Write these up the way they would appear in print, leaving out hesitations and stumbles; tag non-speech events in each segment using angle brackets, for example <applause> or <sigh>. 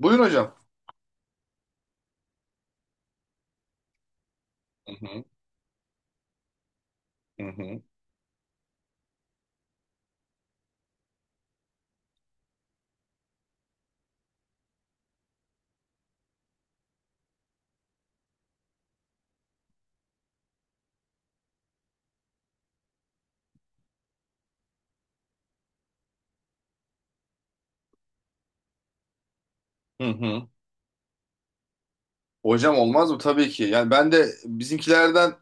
Buyurun hocam. Hı hı, hı hı, hı hı. Hocam, olmaz mı? Tabii ki. Yani ben de bizimkilerden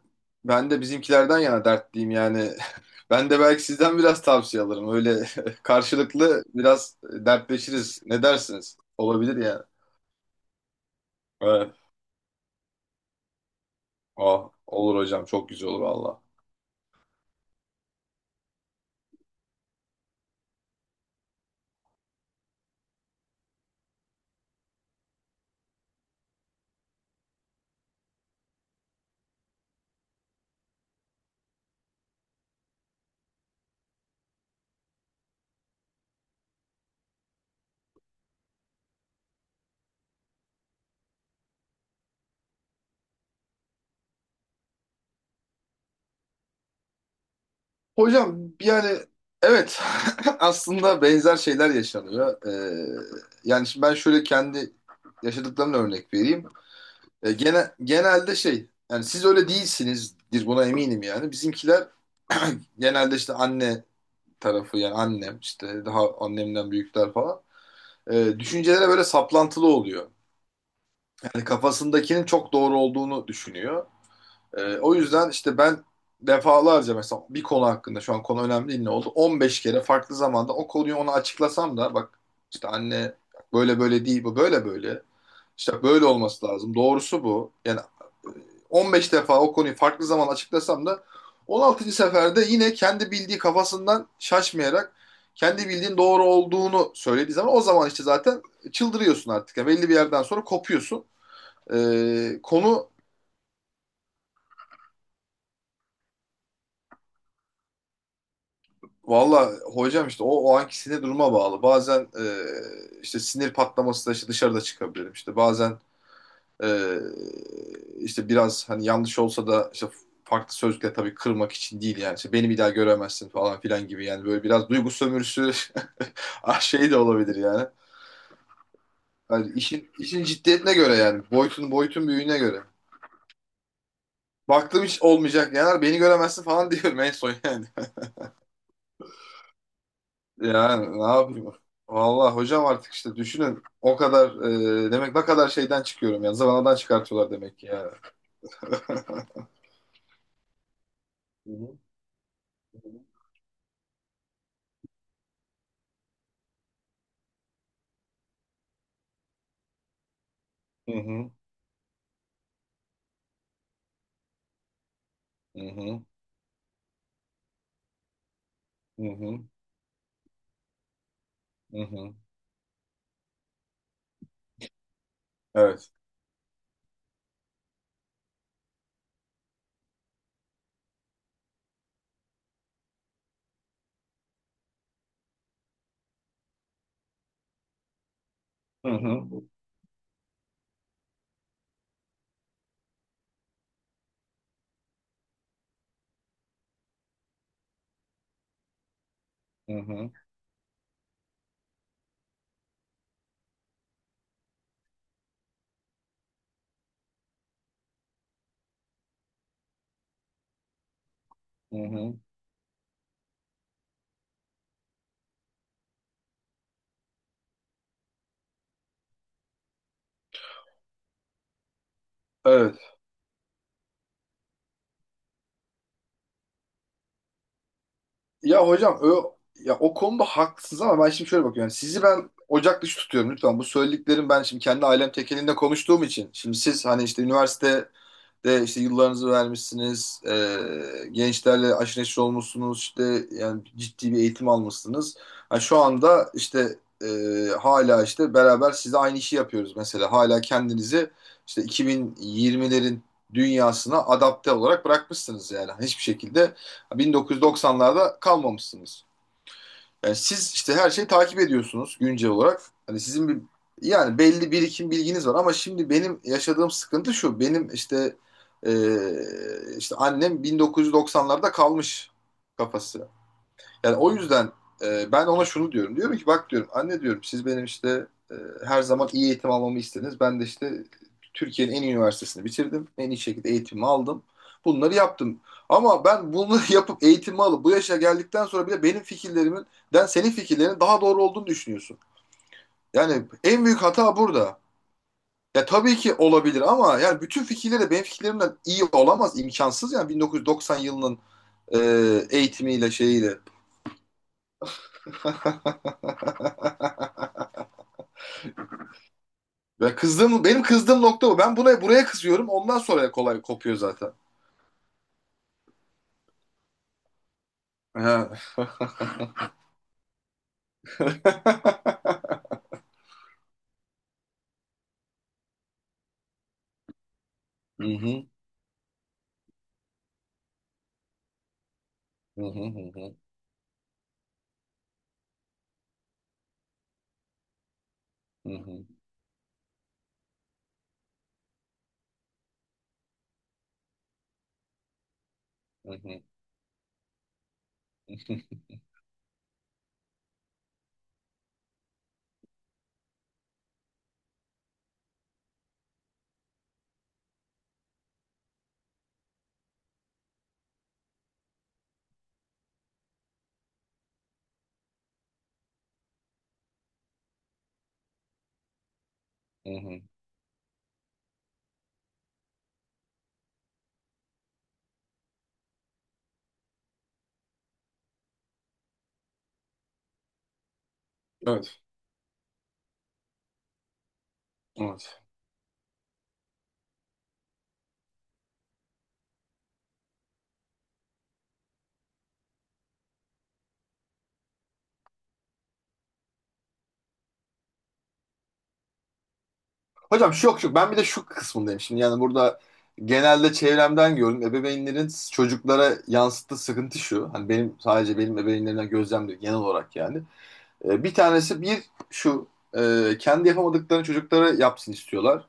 ben de bizimkilerden yana dertliyim yani. <laughs> Ben de belki sizden biraz tavsiye alırım. Öyle, <laughs> karşılıklı biraz dertleşiriz. Ne dersiniz? Olabilir yani. Evet. Ah, olur hocam. Çok güzel olur valla. Hocam yani evet, <laughs> aslında benzer şeyler yaşanıyor. Yani şimdi ben şöyle kendi yaşadıklarımla örnek vereyim. Genelde şey yani siz öyle değilsinizdir, buna eminim yani. Bizimkiler <clears throat> genelde işte anne tarafı yani annem işte daha annemden büyükler falan. Düşüncelere böyle saplantılı oluyor. Yani kafasındakinin çok doğru olduğunu düşünüyor. O yüzden işte ben defalarca mesela bir konu hakkında, şu an konu önemli değil, ne oldu? 15 kere farklı zamanda o konuyu ona açıklasam da bak işte anne, böyle böyle değil, bu böyle böyle. İşte böyle olması lazım. Doğrusu bu. Yani e, 15 defa o konuyu farklı zaman açıklasam da 16. seferde yine kendi bildiği kafasından şaşmayarak kendi bildiğin doğru olduğunu söylediği zaman, o zaman işte zaten çıldırıyorsun artık. Yani belli bir yerden sonra kopuyorsun. Konu Valla hocam, işte o anki sinir duruma bağlı. Bazen işte sinir patlaması da işte dışarıda çıkabilirim. İşte bazen e, işte biraz hani yanlış olsa da işte farklı sözle tabii kırmak için değil yani. İşte beni bir daha göremezsin falan filan gibi yani, böyle biraz duygu sömürüsü <laughs> şey de olabilir yani. Hani işin ciddiyetine göre yani boyutun büyüğüne göre. Baktım hiç olmayacak yani, beni göremezsin falan, <laughs> diyorum en son yani. Yani ne yapayım? Vallahi hocam, artık işte düşünün o kadar demek ne kadar şeyden çıkıyorum yani, zıvanadan çıkartıyorlar demek ki ya. <laughs> Hı. Hı hı. Hı hı. Hı hı. Hı hı. Evet. Hı hı. Hı hı. Hı hı. Evet. Ya hocam, ya o konuda haklısınız ama ben şimdi şöyle bakıyorum. Yani sizi ben ocak dışı tutuyorum lütfen. Bu söylediklerim ben şimdi kendi ailem tekelinde konuştuğum için. Şimdi siz hani işte üniversite de işte yıllarınızı vermişsiniz, gençlerle aşırı neşir olmuşsunuz, işte yani ciddi bir eğitim almışsınız. Ha, şu anda işte e, hala işte beraber size aynı işi yapıyoruz mesela. Hala kendinizi işte 2020'lerin dünyasına adapte olarak bırakmışsınız yani. Hiçbir şekilde 1990'larda kalmamışsınız. Yani siz işte her şeyi takip ediyorsunuz güncel olarak. Hani sizin yani belli birikim bilginiz var ama şimdi benim yaşadığım sıkıntı şu. Benim işte e, işte annem 1990'larda kalmış kafası. Yani o yüzden ben ona şunu diyorum. Diyorum ki bak diyorum anne, diyorum siz benim işte her zaman iyi eğitim almamı istediniz. Ben de işte Türkiye'nin en iyi üniversitesini bitirdim. En iyi şekilde eğitimimi aldım. Bunları yaptım. Ama ben bunları <laughs> yapıp eğitimi alıp bu yaşa geldikten sonra bile benim fikirlerimden senin fikirlerinin daha doğru olduğunu düşünüyorsun. Yani en büyük hata burada. Ya tabii ki olabilir ama yani bütün fikirleri de benim fikirlerimden iyi olamaz, imkansız yani, 1990 yılının e, eğitimiyle şeyiyle. Ve benim kızdığım nokta bu. Ben buraya kızıyorum. Ondan sonra kolay kopuyor zaten. Ha. <laughs> Hı hı, hı hı, hı hı, hı hı, hı hı, hı hı. Evet, evet. Hocam, şu yok şu ben bir de şu kısmındayım şimdi. Yani burada genelde çevremden gördüm. Ebeveynlerin çocuklara yansıttığı sıkıntı şu. Hani sadece benim ebeveynlerimden gözlemliyorum genel olarak yani. Bir tanesi, şu e, kendi yapamadıklarını çocuklara yapsın istiyorlar,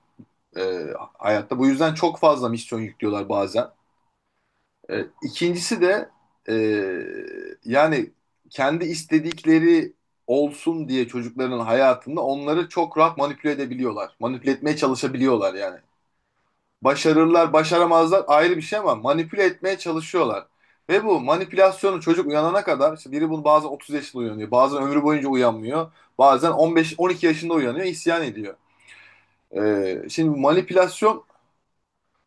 e, hayatta. Bu yüzden çok fazla misyon yüklüyorlar bazen. İkincisi de e, yani kendi istedikleri olsun diye çocukların hayatında onları çok rahat manipüle edebiliyorlar. Manipüle etmeye çalışabiliyorlar yani. Başarırlar, başaramazlar ayrı bir şey ama manipüle etmeye çalışıyorlar. Ve bu manipülasyonu çocuk uyanana kadar işte, biri bunu bazen 30 yaşında uyanıyor, bazen ömrü boyunca uyanmıyor, bazen 15-12 yaşında uyanıyor, isyan ediyor. E, şimdi manipülasyon,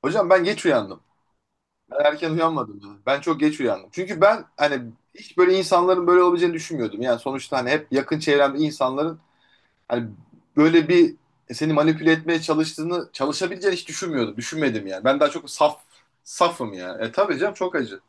hocam ben geç uyandım. Erken uyanmadım ya. Ben çok geç uyandım. Çünkü ben hani hiç böyle insanların böyle olabileceğini düşünmüyordum. Yani sonuçta hani hep yakın çevremde insanların hani böyle bir seni manipüle etmeye çalıştığını, çalışabileceğini hiç düşünmüyordum. Düşünmedim yani. Ben daha çok safım yani. Tabii canım çok acı.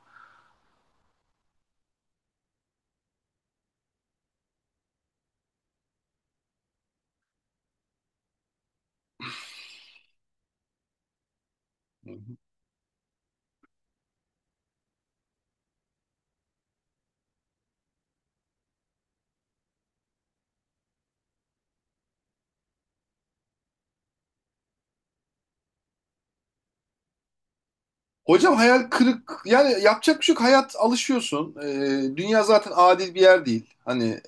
Hocam, hayal kırık yani, yapacak bir şey yok. Hayat, alışıyorsun. Dünya zaten adil bir yer değil. Hani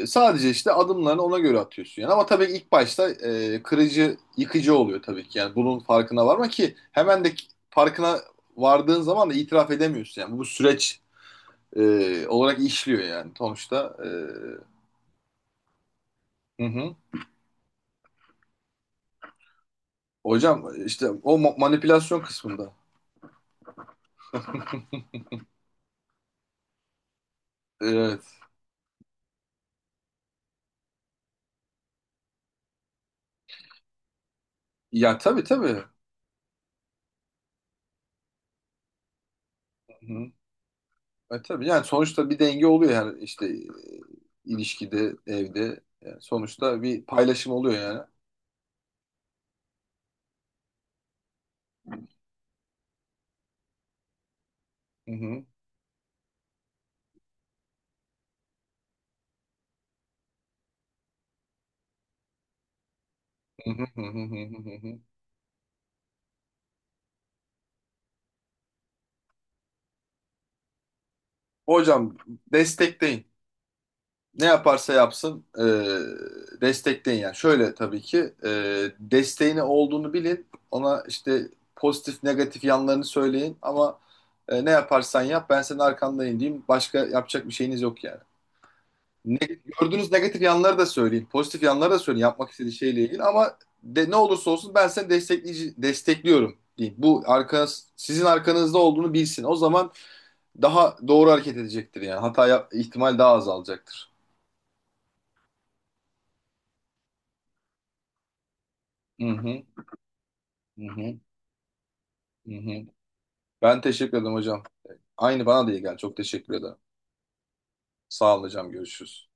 sadece işte adımlarını ona göre atıyorsun yani. Ama tabii ilk başta kırıcı, yıkıcı oluyor tabii ki. Yani bunun farkına varma ki, hemen de farkına vardığın zaman da itiraf edemiyorsun yani. Bu süreç olarak işliyor yani sonuçta. Hı hı. Hocam işte o manipülasyon kısmında. Evet. Ya tabii tabii. Hı. Tabii yani sonuçta bir denge oluyor yani işte ilişkide, evde. Yani sonuçta bir paylaşım oluyor yani. Hı hı, hı hı, hı hı, hı hı. Hocam, destekleyin. Ne yaparsa yapsın destekleyin yani. Şöyle tabii ki e, desteğini olduğunu bilin. Ona işte pozitif negatif yanlarını söyleyin ama ne yaparsan yap ben senin arkandayım diyeyim. Başka yapacak bir şeyiniz yok yani. Ne, gördüğünüz negatif yanları da söyleyin. Pozitif yanları da söyleyin yapmak istediği şeyle ilgili ama ne olursa olsun ben seni destekliyorum deyin. Bu sizin arkanızda olduğunu bilsin. O zaman daha doğru hareket edecektir yani. Hata ihtimal daha azalacaktır. Hı hı, hı hı, hı hı. Ben teşekkür ederim hocam. Aynı bana da iyi geldi. Çok teşekkür ederim. Sağ olun hocam. Görüşürüz.